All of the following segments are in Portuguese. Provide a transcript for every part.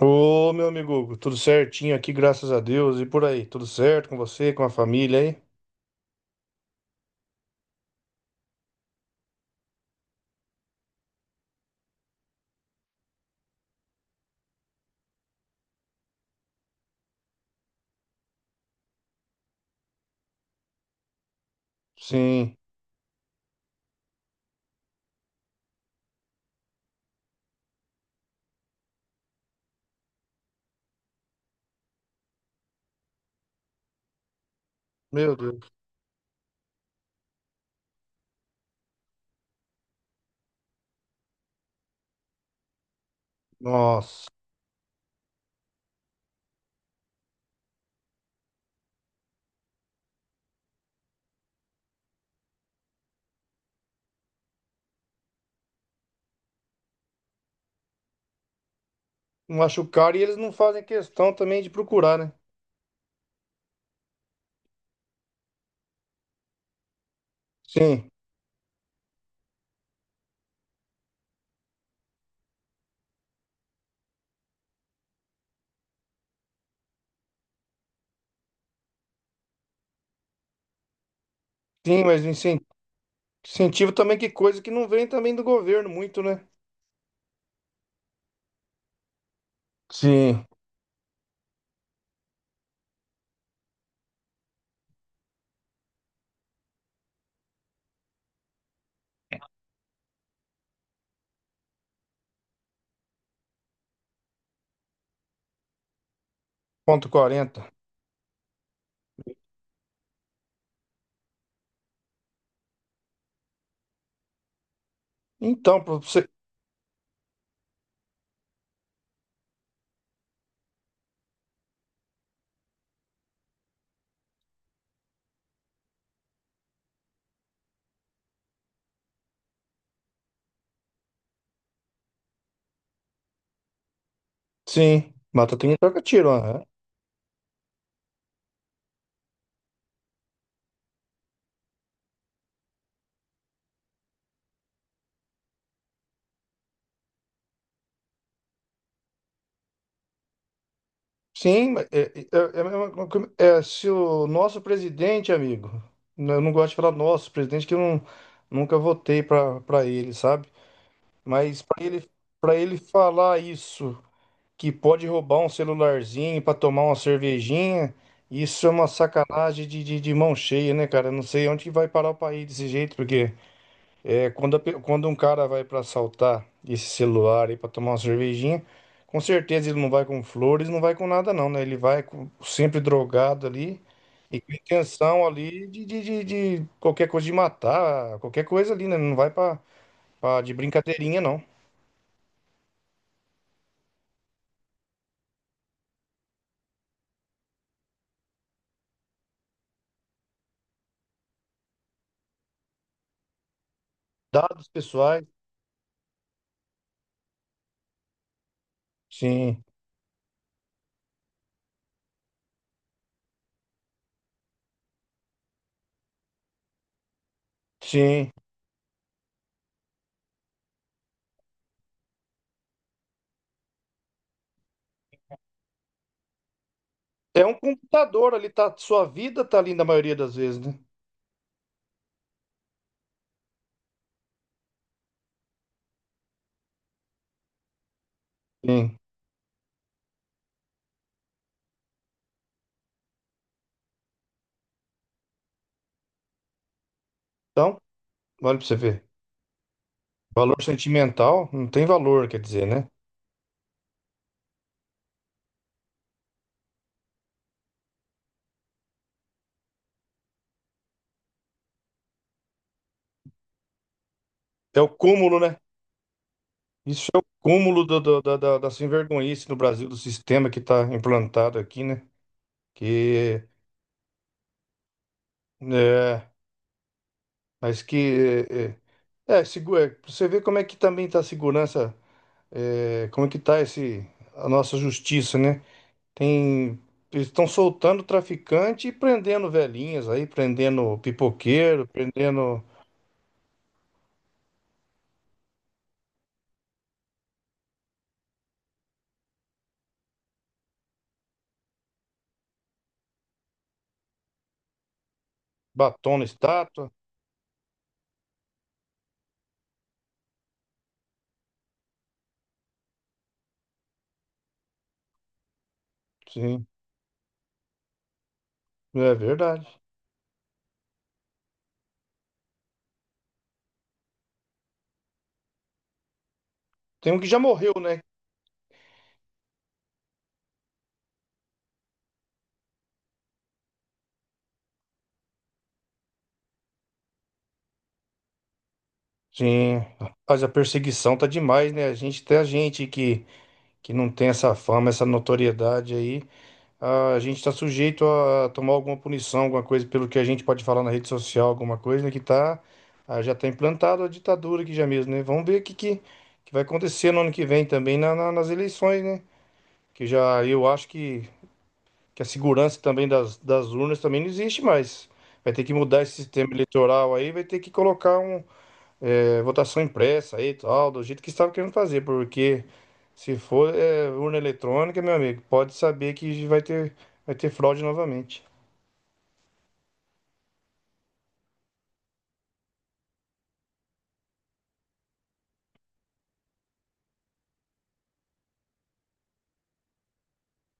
Ô, meu amigo, Hugo, tudo certinho aqui, graças a Deus. E por aí, tudo certo com você, com a família aí? Sim. Meu Deus. Nossa. Machucaram, e eles não fazem questão também de procurar, né? Sim. Sim, mas incentivo também, que coisa que não vem também do governo muito, né? Sim. Ponto quarenta. Então, pra você... Sim. Mata tem troca tiro, né? Sim, mas é, é, a mesma se o nosso presidente, amigo, eu não gosto de falar nosso presidente, que eu não, nunca votei para ele, sabe? Mas para ele falar isso, que pode roubar um celularzinho para tomar uma cervejinha, isso é uma sacanagem de mão cheia, né, cara? Eu não sei onde que vai parar o país desse jeito, porque é, quando, quando um cara vai para assaltar esse celular aí para tomar uma cervejinha, com certeza ele não vai com flores, não vai com nada não, né? Ele sempre drogado ali e com intenção ali de qualquer coisa, de matar, qualquer coisa ali, né? Não vai para de brincadeirinha não. Dados pessoais, sim, sim. É um computador ali, tá, sua vida tá ali na maioria das vezes, né? Sim. Então, olha para você ver. Valor sentimental não tem valor, quer dizer, né? É o cúmulo, né? Isso é o cúmulo da sem vergonhice no Brasil, do sistema que está implantado aqui, né? Que, é, mas que, pra você ver como é que também está a segurança, é, como é que está esse, a nossa justiça, né? Tem, eles estão soltando traficante e prendendo velhinhas aí, prendendo pipoqueiro, prendendo batom na estátua. Sim, é verdade. Tem um que já morreu, né? Sim, mas a perseguição tá demais, né? A gente, até a gente que não tem essa fama, essa notoriedade aí, a gente tá sujeito a tomar alguma punição, alguma coisa pelo que a gente pode falar na rede social, alguma coisa, né? Que tá, já tá implantado a ditadura aqui já mesmo, né? Vamos ver o que, que vai acontecer no ano que vem também nas eleições, né? Que já eu acho que a segurança também das urnas também não existe mais. Vai ter que mudar esse sistema eleitoral aí, vai ter que colocar um, é, votação impressa aí e tal, do jeito que estava querendo fazer, porque se for é, urna eletrônica, meu amigo, pode saber que vai ter fraude novamente.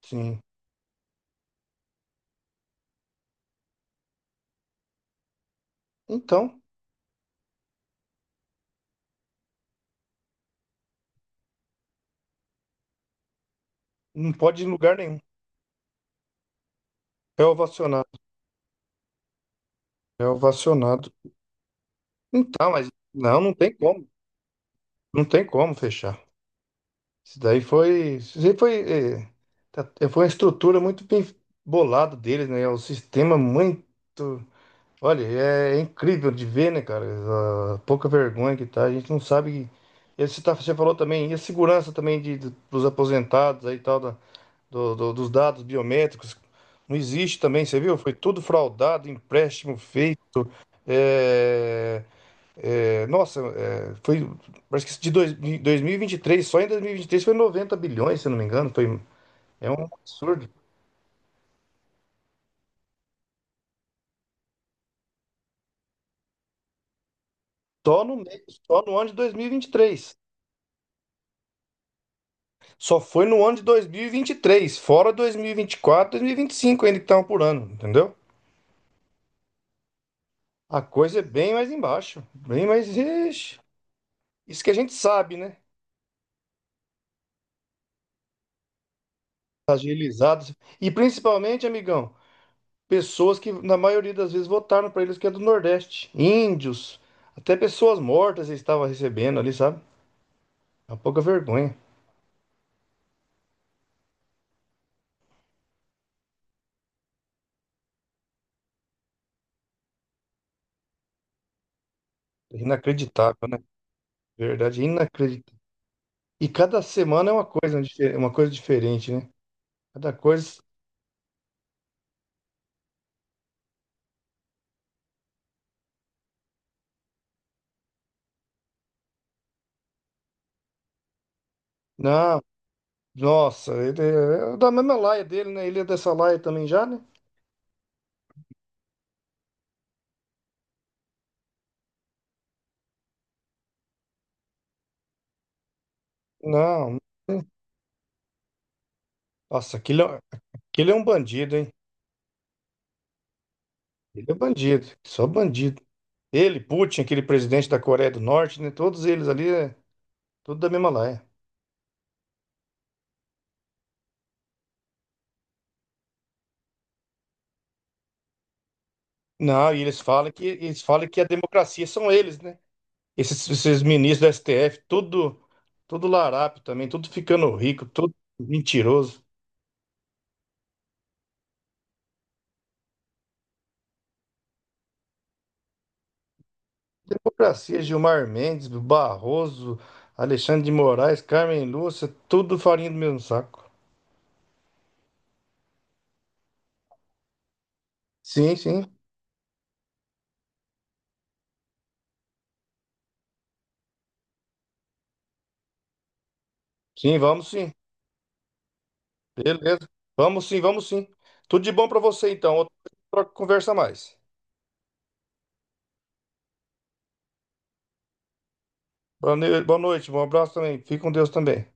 Sim. Então, não pode ir em lugar nenhum. É ovacionado. É ovacionado. Então, mas não, não tem como. Não tem como fechar. Isso daí foi. Isso daí foi, é, foi uma estrutura muito bem bolada deles, né? É um sistema muito... Olha, é é incrível de ver, né, cara? A pouca vergonha que tá. A gente não sabe. E você, tá, você falou também, e a segurança também dos aposentados aí e tal, dos dados biométricos. Não existe também, você viu? Foi tudo fraudado, empréstimo feito. É, é, nossa, é, foi. Parece que de 2023, só em 2023 foi 90 bilhões, se eu não me engano. Foi, é um absurdo. Só no ano de 2023. Só foi no ano de dois mil e vinte e três, fora dois mil e quatro, dois mil e vinte quatro, e 2025 ainda que estavam por ano, entendeu? A coisa é bem mais embaixo, bem mais. Ixi, isso que a gente sabe, né? Agilizados. E principalmente, amigão, pessoas que na maioria das vezes votaram para eles, que é do Nordeste. Índios, até pessoas mortas eles estavam recebendo ali, sabe? É uma pouca vergonha. Inacreditável, né? Verdade, inacreditável. E cada semana é uma coisa, uma coisa diferente, né? Cada coisa. Não. Nossa, ele é é da mesma laia dele, né? Ele é dessa laia também já, né? Não, nossa, aquele, aquele é um bandido, hein? Ele é bandido, só bandido. Ele, Putin, aquele presidente da Coreia do Norte, né? Todos eles ali, é tudo da mesma laia. Não, e eles falam que a democracia são eles, né? Esses, esses ministros do STF, tudo, tudo larápio também, tudo ficando rico, tudo mentiroso. Democracia, Gilmar Mendes, Barroso, Alexandre de Moraes, Carmen Lúcia, tudo farinha do mesmo saco. Sim, sim, sim, vamos sim. Beleza. Vamos sim, vamos sim. Tudo de bom pra você então. Outra hora a gente conversa mais. Boa noite, um abraço também. Fique com Deus também.